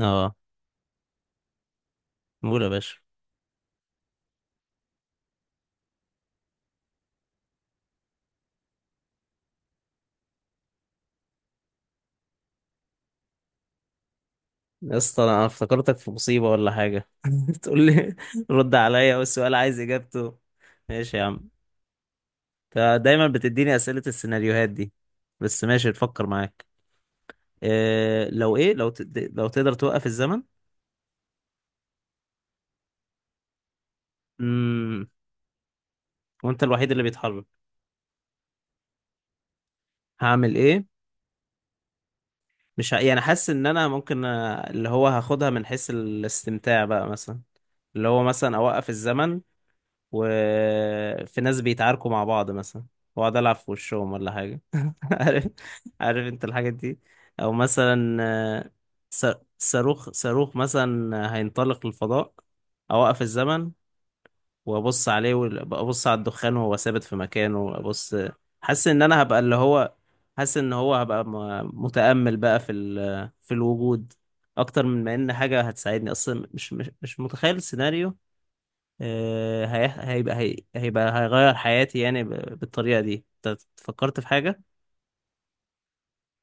اه، قول يا باشا. يا اسطى، انا افتكرتك في مصيبة ولا حاجة تقول لي رد عليا والسؤال عايز اجابته؟ ماشي يا عم. انت دايما بتديني اسئلة السيناريوهات دي، بس ماشي، تفكر معاك. إيه لو ايه لو تد... لو تقدر توقف الزمن. امم وانت الوحيد اللي بيتحرك، هعمل ايه؟ مش ه... يعني حاسس ان انا ممكن، اللي هو هاخدها من حيث الاستمتاع بقى، مثلا اللي هو مثلا اوقف الزمن، وفي ناس بيتعاركوا مع بعض مثلا، واقعد العب في وشهم ولا حاجه. عارف عارف انت الحاجات دي. او مثلا، س- صاروخ مثلا هينطلق للفضاء، اوقف الزمن وابص عليه، وابص على الدخان وهو ثابت في مكانه، ابص. حاسس ان انا هبقى اللي هو حاسس ان هو هبقى متأمل بقى في الوجود، اكتر من ما ان حاجه هتساعدني. اصلا مش متخيل السيناريو. هيبقى هيغير حياتي يعني بالطريقة دي. انت فكرت في حاجة؟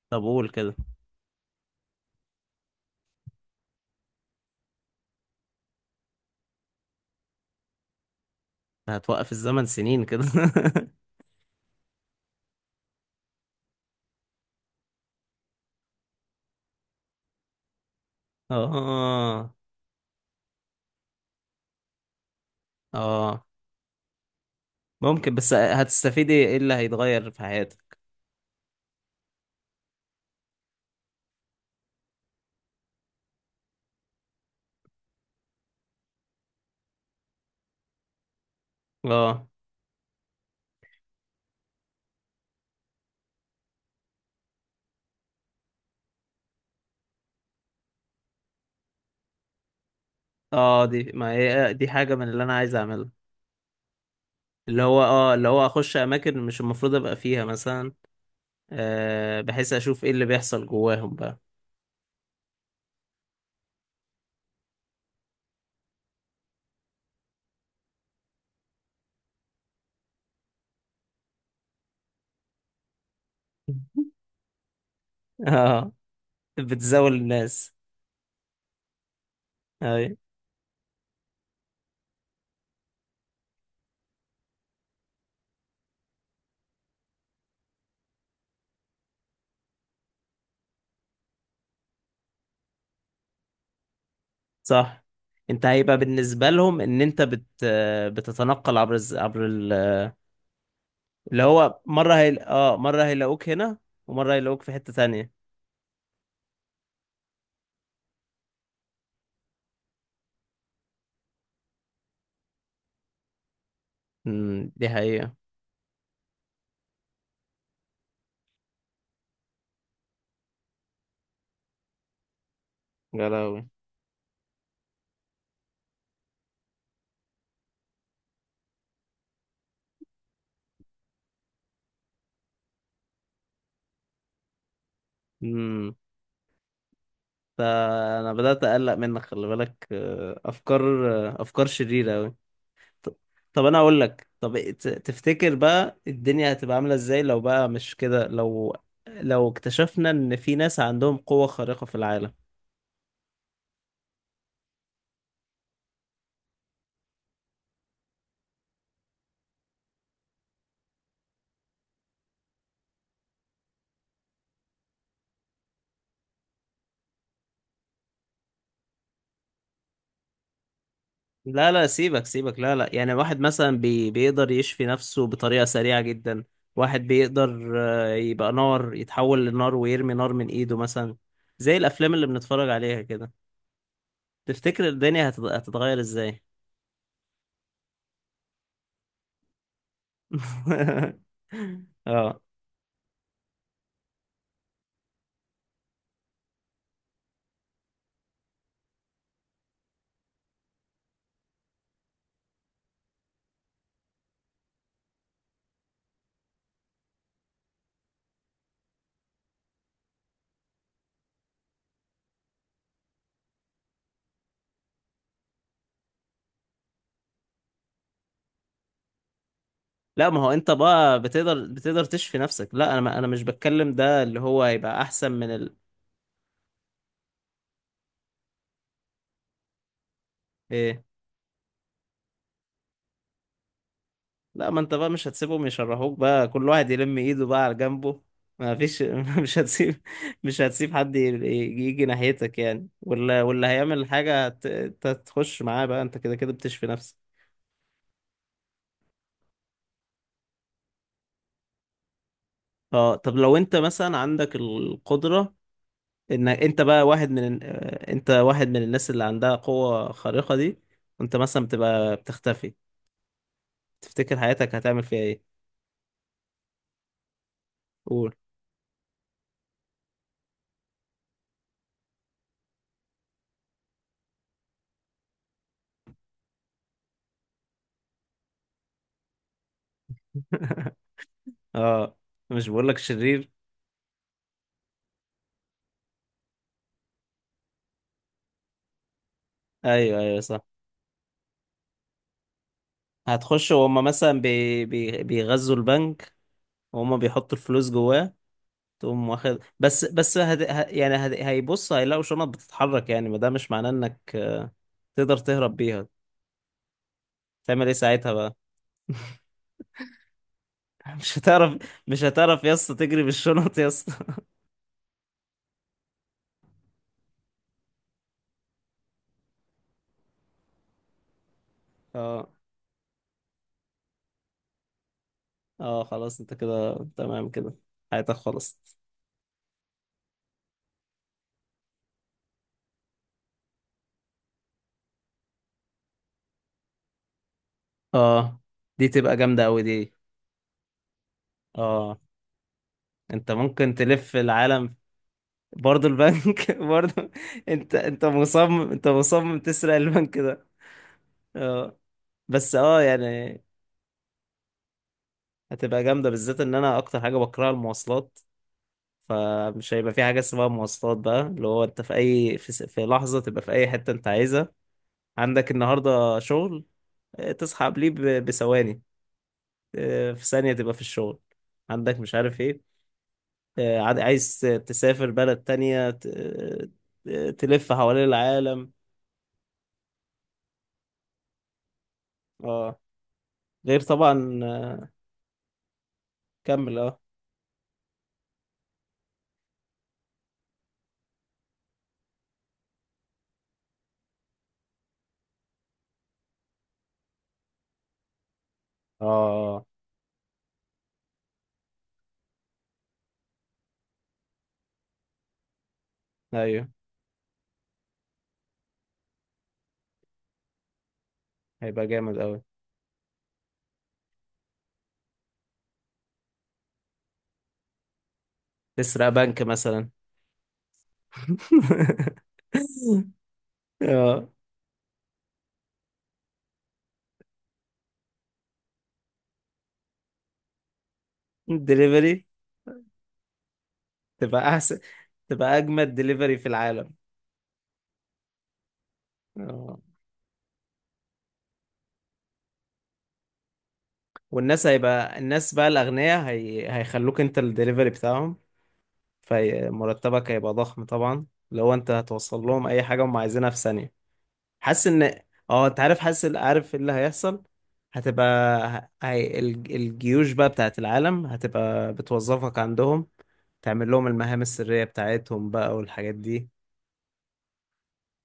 طب قول كده. هتوقف الزمن سنين كده؟ اه اه. ممكن، بس هتستفيدي إيه اللي هيتغير في حياتك؟ اه اه، دي ما هي دي حاجة من اللي انا عايز اعملها. اللي هو اخش اماكن مش المفروض ابقى فيها مثلا، بحيث اشوف ايه اللي بيحصل جواهم بقى. اه، بتزاول الناس. اي، صح. انت هيبقى بالنسبة لهم ان انت بتتنقل عبر الز... عبر ال... اللي هو مرة هي... اه مرة هيلاقوك هنا، ومرة هيلاقوك في حتة تانية. دي حقيقة. يا لهوي. امم فانا بدأت اقلق منك، خلي بالك. افكار شريرة قوي. طب انا اقول لك، طب تفتكر بقى الدنيا هتبقى عاملة ازاي لو بقى مش كده، لو لو اكتشفنا ان في ناس عندهم قوة خارقة في العالم؟ لا لا، سيبك سيبك، لا لا، يعني واحد مثلا بيقدر يشفي نفسه بطريقة سريعة جدا، واحد بيقدر، يبقى نار، يتحول لنار ويرمي نار من ايده مثلا، زي الافلام اللي بنتفرج عليها كده. تفتكر الدنيا هتتغير ازاي؟ اه. لا، ما هو انت بقى بتقدر تشفي نفسك. لا، انا ما انا مش بتكلم، ده اللي هو هيبقى احسن من إيه؟ لا، ما انت بقى مش هتسيبهم يشرحوك بقى، كل واحد يلم ايده بقى على جنبه. ما فيش. مش هتسيب مش هتسيب حد يجي ناحيتك يعني، واللي هيعمل حاجة انت هتخش معاه بقى، انت كده كده بتشفي نفسك. اه، طب لو انت مثلا عندك القدرة، ان انت بقى واحد من آه، انت واحد من الناس اللي عندها قوة خارقة دي، وانت مثلا بتبقى بتختفي، تفتكر حياتك هتعمل فيها ايه؟ قول. اه، مش بقولك شرير؟ ايوه ايوه، صح. هتخش وهم مثلا بيغذوا البنك، وهم بيحطوا الفلوس جواه، تقوم واخد. يعني هيبص، هيلاقوا شنط بتتحرك يعني. ما ده مش معناه انك تقدر تهرب بيها. تعمل ايه ساعتها بقى؟ مش هتعرف مش هتعرف يا اسطى تجري بالشنط يا اسطى. اه اه، خلاص انت كده تمام كده، حياتك خلصت. اه، دي تبقى جامدة أوي دي. اه، انت ممكن تلف العالم. برضه البنك. برضه. انت مصمم تسرق البنك ده. اه، بس اه يعني، هتبقى جامدة، بالذات ان انا اكتر حاجة بكرهها المواصلات. فمش هيبقى في حاجة اسمها مواصلات بقى، اللي هو انت في لحظة تبقى في اي حتة انت عايزها. عندك النهاردة شغل، اه، تصحى قبليه بثواني، اه، في ثانية تبقى في الشغل. عندك مش عارف ايه، عايز تسافر بلد تانية، تلف حوالين العالم. اه، غير طبعا. كمل اه. اه آه. ايوه، هيبقى جامد قوي. تسرق بنك مثلا. اه، دليفري. تبقى احسن، تبقى اجمد دليفري في العالم. اه، والناس، هيبقى الناس بقى الاغنياء هيخلوك انت الدليفري بتاعهم. فمرتبك هيبقى ضخم طبعا لو انت هتوصل لهم اي حاجه هم عايزينها في ثانيه. حاسس ان، اه انت عارف، عارف إيه اللي هيحصل. هتبقى الجيوش بقى بتاعت العالم هتبقى بتوظفك عندهم، تعمل لهم المهام السرية بتاعتهم بقى والحاجات دي.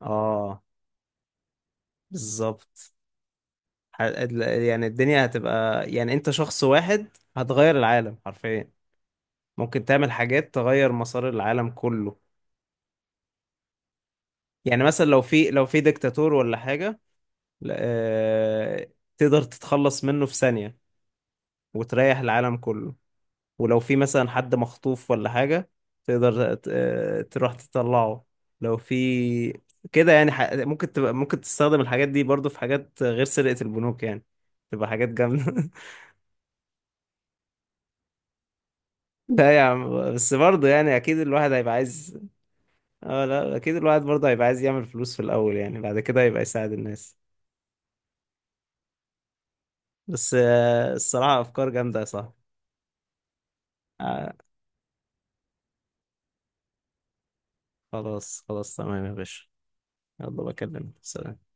اه، بالظبط. يعني الدنيا هتبقى، يعني انت شخص واحد هتغير العالم حرفيا، ممكن تعمل حاجات تغير مسار العالم كله. يعني مثلا لو في ديكتاتور ولا حاجة، لا- آه، تقدر تتخلص منه في ثانية وتريح العالم كله. ولو في مثلا حد مخطوف ولا حاجة، تقدر تروح تطلعه. لو في كده يعني، ح... ممكن تبقى ممكن تستخدم الحاجات دي برضو في حاجات غير سرقة البنوك يعني، تبقى حاجات جامدة. لا يا عم، بس برضه يعني أكيد الواحد هيبقى عايز. اه لا، أكيد الواحد برضه هيبقى عايز يعمل فلوس في الأول، يعني بعد كده هيبقى يساعد الناس. بس الصراحة أفكار جامدة يا صاحبي. آه، خلاص خلاص، تمام يا باشا. يلا بكلمك، سلام.